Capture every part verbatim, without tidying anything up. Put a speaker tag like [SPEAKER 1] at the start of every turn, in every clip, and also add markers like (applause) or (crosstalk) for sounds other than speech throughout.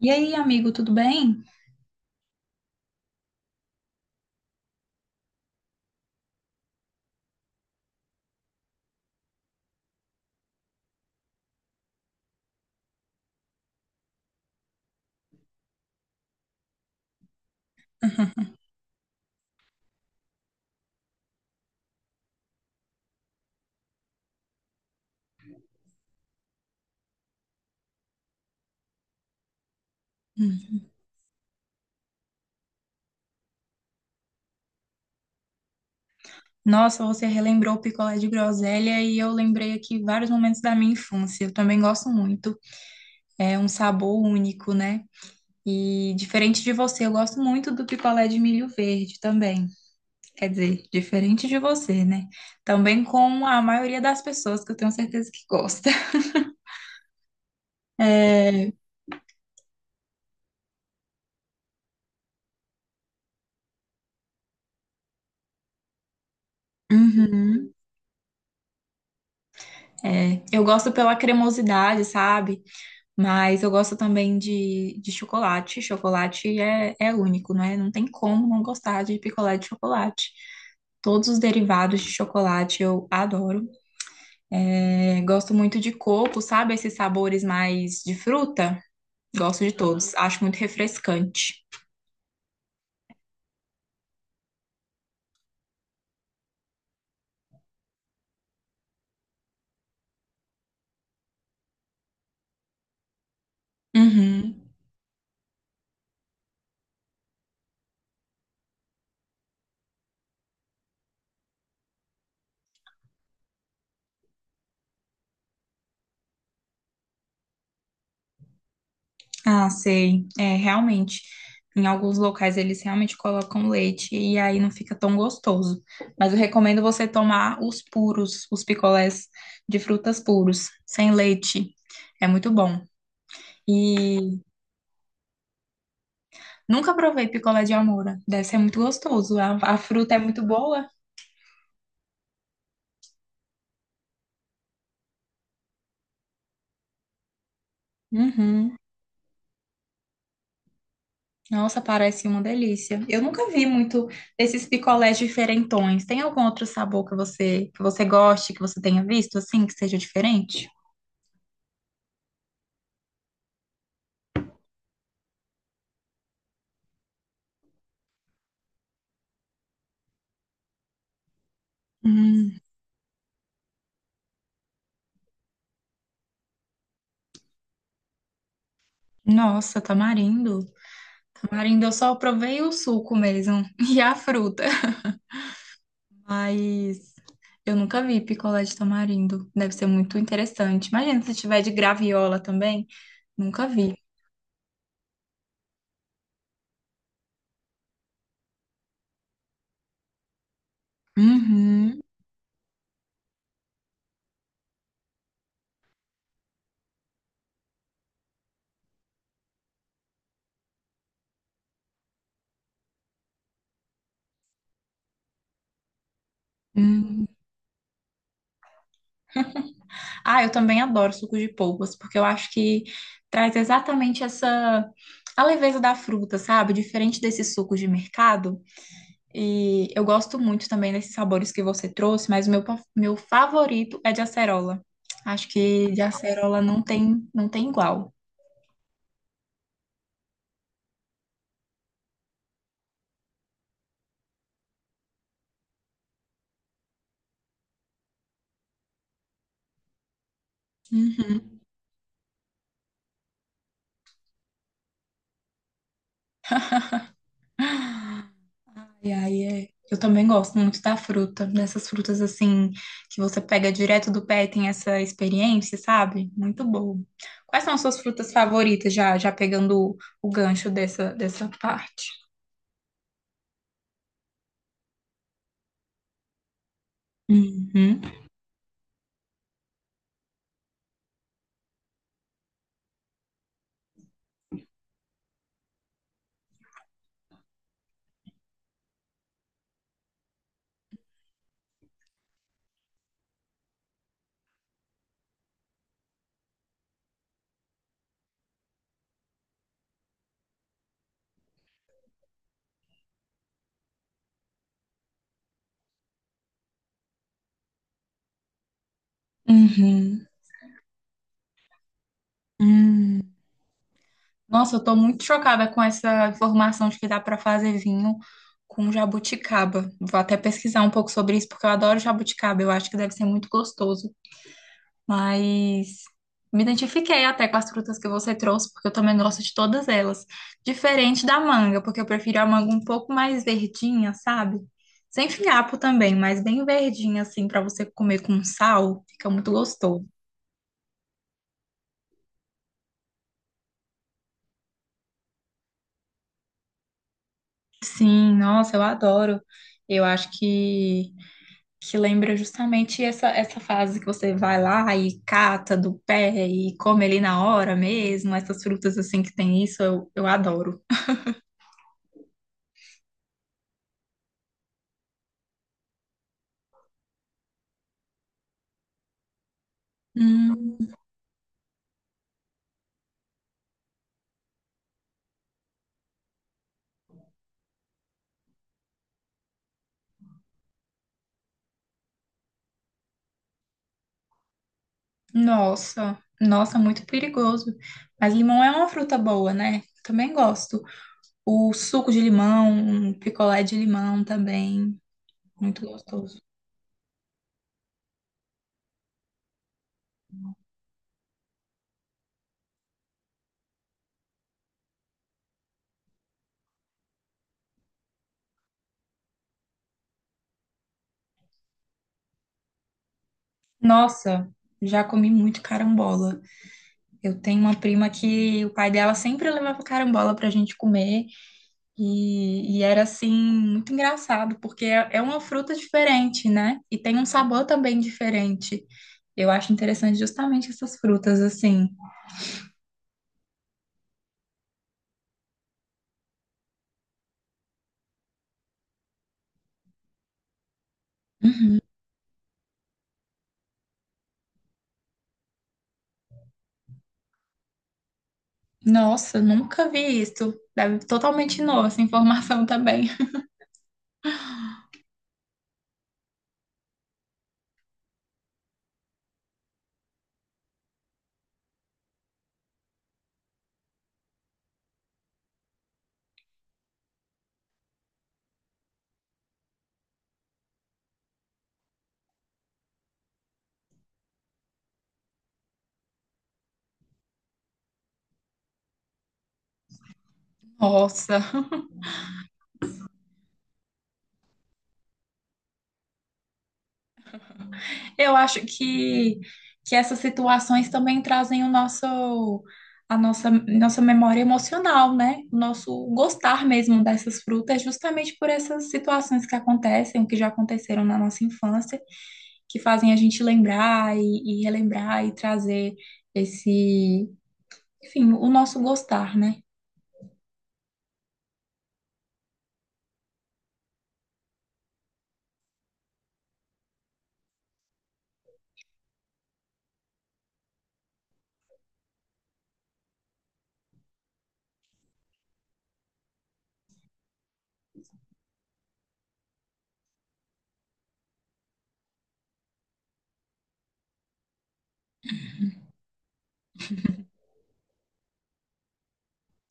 [SPEAKER 1] E aí, amigo, tudo bem? Hum. Nossa, você relembrou o picolé de groselha e eu lembrei aqui vários momentos da minha infância. Eu também gosto muito. É um sabor único, né? E diferente de você, eu gosto muito do picolé de milho verde também. Quer dizer, diferente de você, né? Também com a maioria das pessoas que eu tenho certeza que gosta. (laughs) Uhum. É, eu gosto pela cremosidade, sabe? Mas eu gosto também de, de chocolate. Chocolate é, é único, né? Não tem como não gostar de picolé de chocolate. Todos os derivados de chocolate eu adoro. É, gosto muito de coco, sabe? Esses sabores mais de fruta. Gosto de todos. Acho muito refrescante. Uhum. Ah, sei. É, realmente. Em alguns locais eles realmente colocam leite e aí não fica tão gostoso. Mas eu recomendo você tomar os puros, os picolés de frutas puros, sem leite. É muito bom. E nunca provei picolé de amora. Deve ser muito gostoso. A, a fruta é muito boa. Uhum. Nossa, parece uma delícia. Eu nunca vi muito desses picolés diferentões. Tem algum outro sabor que você que você goste, que você tenha visto assim, que seja diferente? Hum. Nossa, tamarindo. Tamarindo eu só provei o suco mesmo (laughs) e a fruta. Mas eu nunca vi picolé de tamarindo. Deve ser muito interessante. Imagina se tiver de graviola também. Nunca vi. Uhum, uhum. Ah, eu também adoro suco de polpas, porque eu acho que traz exatamente essa a leveza da fruta, sabe? Diferente desse suco de mercado. E eu gosto muito também desses sabores que você trouxe, mas o meu, pa- meu favorito é de acerola. Acho que de acerola não tem, não tem igual. Uhum. (laughs) Ai, ai, é. Eu também gosto muito da fruta, dessas frutas assim, que você pega direto do pé e tem essa experiência, sabe? Muito bom. Quais são as suas frutas favoritas, já, já pegando o, o gancho dessa, dessa parte? Uhum. Uhum. Hum. Nossa, eu tô muito chocada com essa informação de que dá para fazer vinho com jabuticaba. Vou até pesquisar um pouco sobre isso, porque eu adoro jabuticaba. Eu acho que deve ser muito gostoso. Mas me identifiquei até com as frutas que você trouxe, porque eu também gosto de todas elas. Diferente da manga, porque eu prefiro a manga um pouco mais verdinha, sabe? Sem fiapo também, mas bem verdinha, assim, para você comer com sal. Fica muito gostoso. Sim, nossa, eu adoro. Eu acho que. Que lembra justamente essa, essa fase que você vai lá e cata do pé e come ali na hora mesmo, essas frutas assim que tem isso, eu, eu adoro. Hum, nossa, nossa, muito perigoso. Mas limão é uma fruta boa, né? Também gosto. O suco de limão, um picolé de limão também, muito gostoso. Nossa, já comi muito carambola. Eu tenho uma prima que o pai dela sempre levava carambola pra gente comer. E, e era assim, muito engraçado, porque é, é uma fruta diferente, né? E tem um sabor também diferente. Eu acho interessante justamente essas frutas, assim. Uhum. Nossa, nunca vi isso. Deve totalmente nova essa informação também. (laughs) Nossa. Eu acho que, que essas situações também trazem o nosso, a nossa, nossa memória emocional, né? O nosso gostar mesmo dessas frutas, justamente por essas situações que acontecem, que já aconteceram na nossa infância, que fazem a gente lembrar e, e relembrar e trazer esse, enfim, o nosso gostar, né?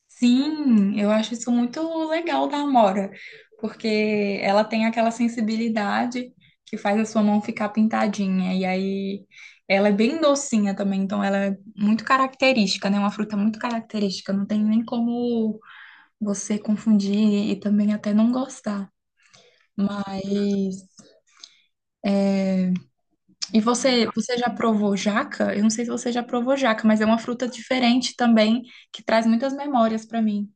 [SPEAKER 1] Sim, eu acho isso muito legal da Amora, porque ela tem aquela sensibilidade que faz a sua mão ficar pintadinha, e aí ela é bem docinha também, então ela é muito característica, né? Uma fruta muito característica, não tem nem como você confundir e também até não gostar. Mas e você, você já provou jaca? Eu não sei se você já provou jaca, mas é uma fruta diferente também que traz muitas memórias para mim.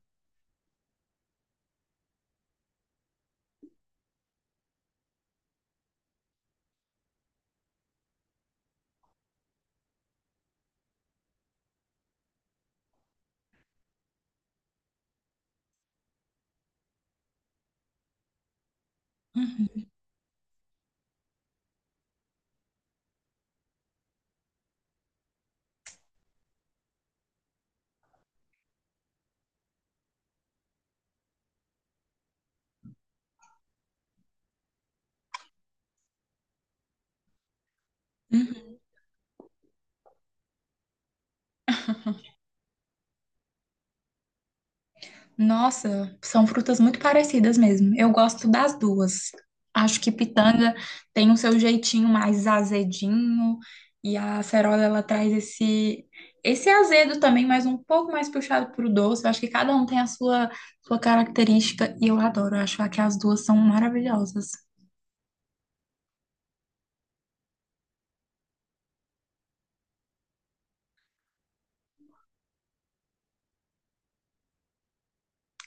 [SPEAKER 1] Nossa, são frutas muito parecidas mesmo. Eu gosto das duas. Acho que pitanga tem o seu jeitinho mais azedinho e a acerola ela traz esse esse azedo também, mas um pouco mais puxado pro doce. Eu acho que cada um tem a sua sua característica e eu adoro. Eu acho que as duas são maravilhosas.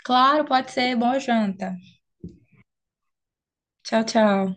[SPEAKER 1] Claro, pode ser. Boa janta. Tchau, tchau.